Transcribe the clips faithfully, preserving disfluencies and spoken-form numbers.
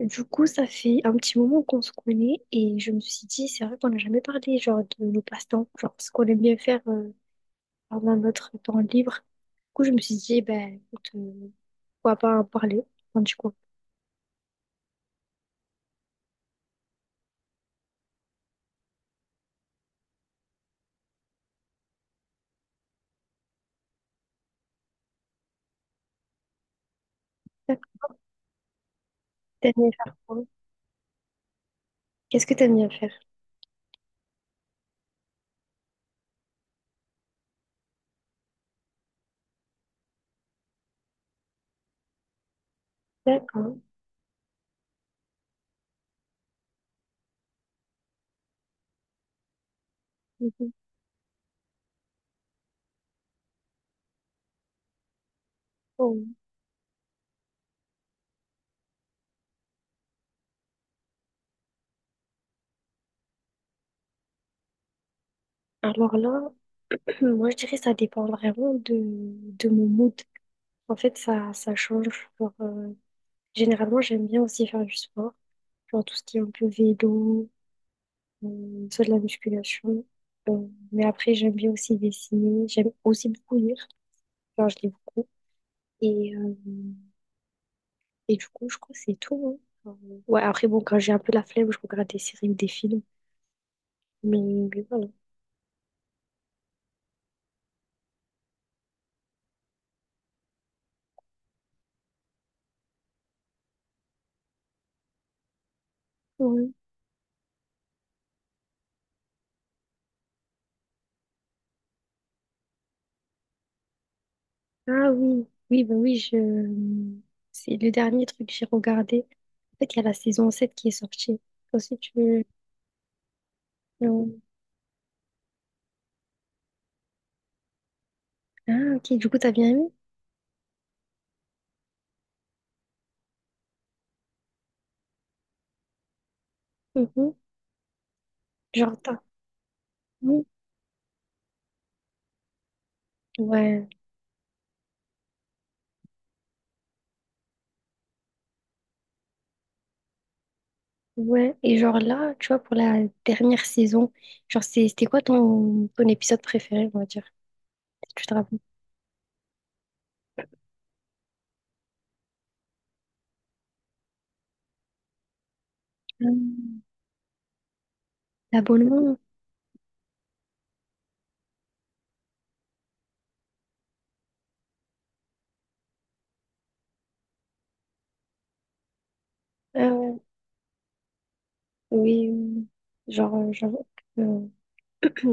Du coup, ça fait un petit moment qu'on se connaît et je me suis dit, c'est vrai qu'on n'a jamais parlé genre de nos passe-temps, genre ce qu'on aime bien faire euh, pendant notre temps libre. Du coup, je me suis dit, eh ben écoute, euh, pourquoi pas en parler. Enfin, du coup, d'accord. T'aimes bien faire quoi? Qu'est-ce que t'aimes bien faire? D'accord. Mhm. Bon. Alors là, moi je dirais que ça dépend vraiment de, de mon mood. En fait, ça, ça change. Genre, euh, généralement, j'aime bien aussi faire du sport, genre tout ce qui est un peu vélo. Euh, soit de la musculation. Euh, mais après, j'aime bien aussi dessiner. J'aime aussi beaucoup lire. Genre, je lis beaucoup. Et, euh, et du coup, je crois que c'est tout. Hein. Enfin, ouais, après, bon, quand j'ai un peu la flemme, je regarde des séries ou des films. Mais, mais voilà. Ouais. Ah oui, oui, bah oui, je... c'est le dernier truc que j'ai regardé. En fait, il y a la saison sept qui est sortie. Ensuite, tu... veux- non. Ah, ok, du coup, t'as bien aimé? Mhm. Genre, t'as... oui. Ouais. Ouais, et genre là, tu vois, pour la dernière saison, genre c'est- c'était quoi ton, ton épisode préféré, on va dire? Si tu te rappelles? Euh, L'abonnement? Ah ouais, oui, oui. Genre, euh, j'avoue que,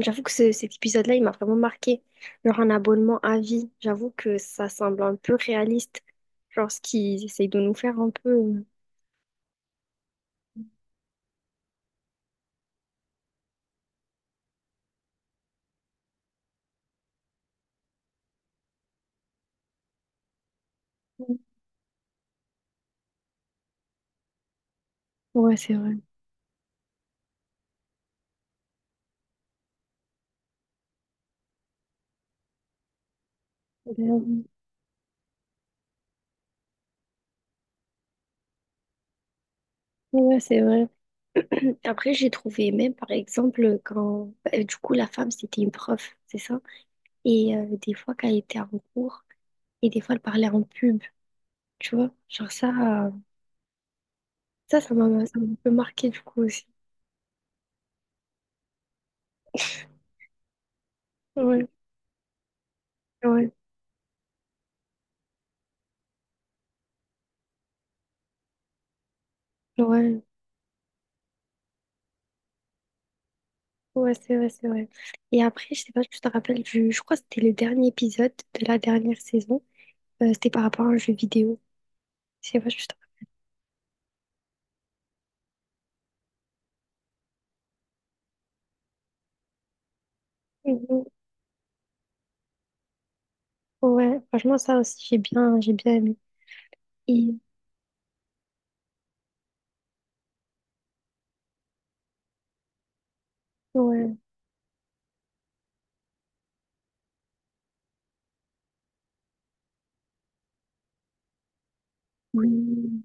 j'avoue que ce- cet épisode-là, il m'a vraiment marqué. Genre un abonnement à vie, j'avoue que ça semble un peu réaliste. Genre ce qu'ils essayent de nous faire un peu. euh. Ouais, c'est vrai. D'ailleurs, ouais, c'est vrai. Après, j'ai trouvé même, par exemple, quand bah, du coup la femme, c'était une prof, c'est ça? Et euh, des fois, quand elle était en cours, et des fois, elle parlait en pub, tu vois. Genre ça, euh, ça, ça m'a ça m'a un peu marqué du coup aussi. Ouais, ouais, ouais, ouais, c'est vrai, c'est vrai. Et après, je sais pas si tu te rappelles du, je crois que c'était le dernier épisode de la dernière saison. Euh, c'était par rapport à un jeu vidéo. Je sais pas si tu te rappelles. Mhm. Ouais, franchement, ça aussi, j'ai bien, j'ai bien aimé. Et ouais, oui,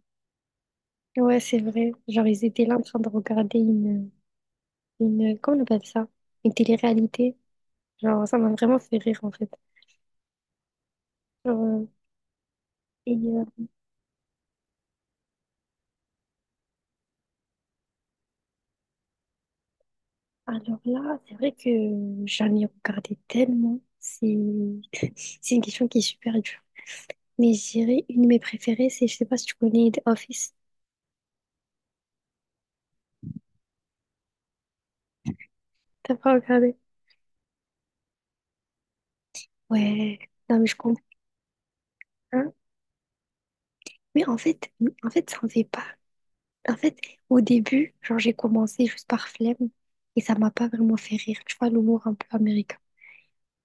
ouais, c'est vrai. Genre, ils étaient là en train de regarder une, une, comment on appelle ça? Une télé-réalité. Genre, ça m'a vraiment fait rire en fait. Genre, euh, et euh, alors là, c'est vrai que j'en ai regardé tellement. C'est c'est une question qui est super dure. Mais je dirais, une de mes préférées, c'est, je sais pas si tu connais The Office. T'as pas regardé? Ouais, non mais je comprends. Mais en fait, en fait, ça en fait pas. En fait, au début, genre j'ai commencé juste par flemme et ça m'a pas vraiment fait rire. Tu vois, l'humour un peu américain.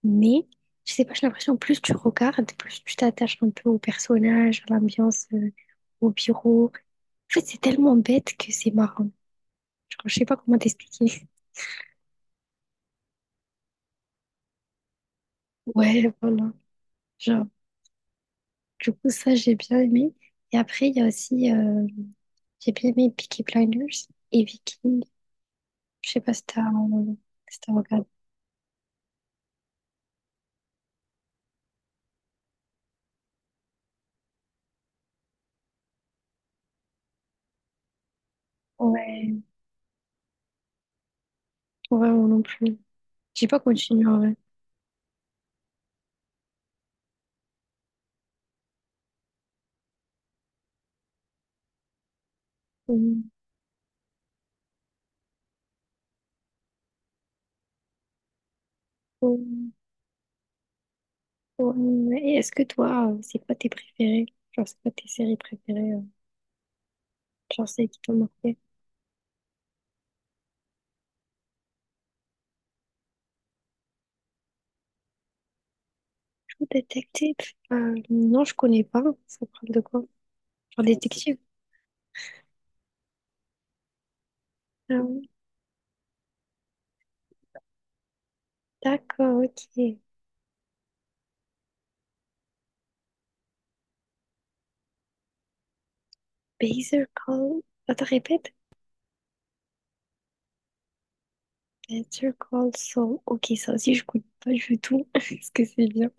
Mais je sais pas, j'ai l'impression plus tu regardes, plus tu t'attaches un peu au personnage, à l'ambiance, euh, au bureau. En fait, c'est tellement bête que c'est marrant. Genre, je sais pas comment t'expliquer. Ouais, voilà. Genre, du coup, ça, j'ai bien aimé. Et après, il y a aussi, euh, j'ai bien aimé Peaky Blinders et Viking. Je sais pas si t'as si t'as regardé. Ouais, ouais, moi non plus. J'ai pas continué en vrai. Mm. Ouais, et est-ce que toi, euh, c'est quoi tes préférés? Genre, c'est quoi tes séries préférées? euh, Genre, celles qui t'ont marqué? True Detective? Euh, non, je connais pas. Ça parle de quoi? Genre, détective? Ah oui, d'accord, ok. Baser Call... Attends, répète. Baser Call Saul. Ok, ça aussi, je connais pas du tout. Est-ce que c'est bien?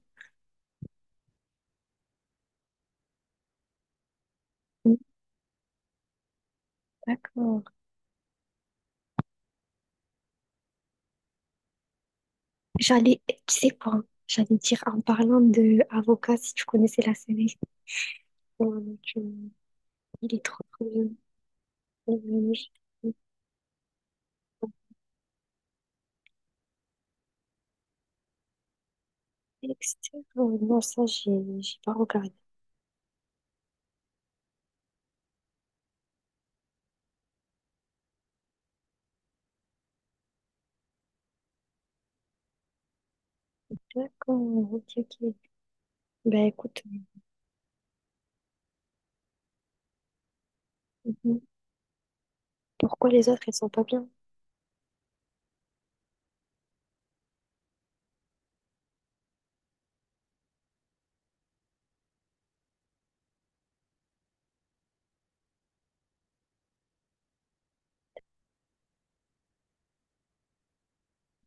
Oui, d'accord. J'allais... Tu sais quoi? J'allais dire en parlant de Avocat, si tu connaissais la série. Ouais, tu- il est trop, trop bien. Oh, mon Dieu. Dexter, euh, non, ça, j'ai j'ai pas regardé. D'accord, ok, ok. Bah écoute, mhm. Pourquoi les autres, elles sont pas bien?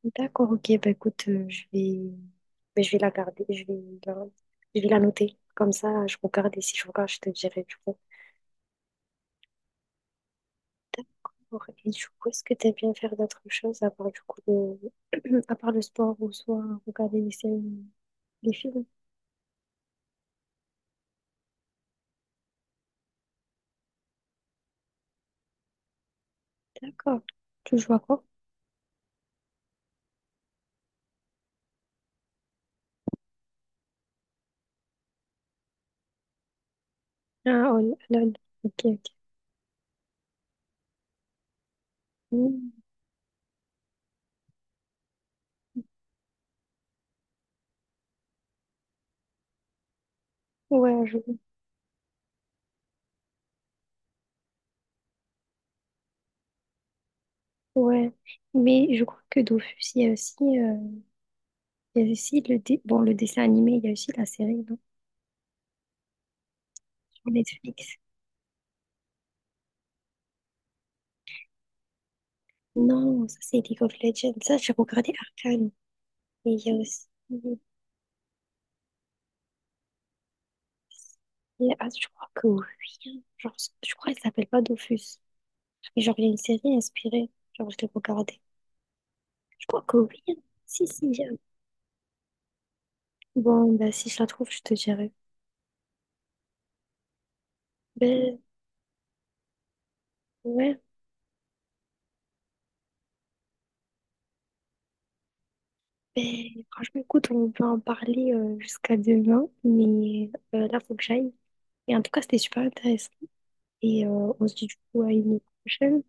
D'accord, ok, bah écoute, euh, je vais, bah, je vais la garder, je vais la, je vais la noter. Comme ça, je regarde et si je regarde, je te dirai du coup. D'accord, et du coup, est-ce que t'aimes bien faire d'autres choses à part du coup le, à part le sport ou soit regarder les séries, les films? D'accord. Tu joues à quoi? Ah, oh, L O L, ok, ok. Hmm. Ouais, je ouais, mais je crois que Dofus, il y a aussi, euh, il y a aussi le, dé- bon, le dessin animé, il y a aussi la série, non, sur Netflix. Non, ça c'est League of Legends. Ça, j'ai regardé Arcane. Et il y a aussi. Et- ah, je crois que oui. Genre, je crois qu'elle s'appelle pas Dofus. Et genre, il y a une série inspirée. Genre, je l'ai regardée. Je crois que oui. Hein. Si, si. J'ai- bon, bah, si je la trouve, je te dirai. Ben, ouais. Ben, franchement, écoute, on peut en parler euh, jusqu'à demain, mais euh, là, faut que j'aille. Et en tout cas, c'était super intéressant. Et euh, on se dit du coup à une prochaine.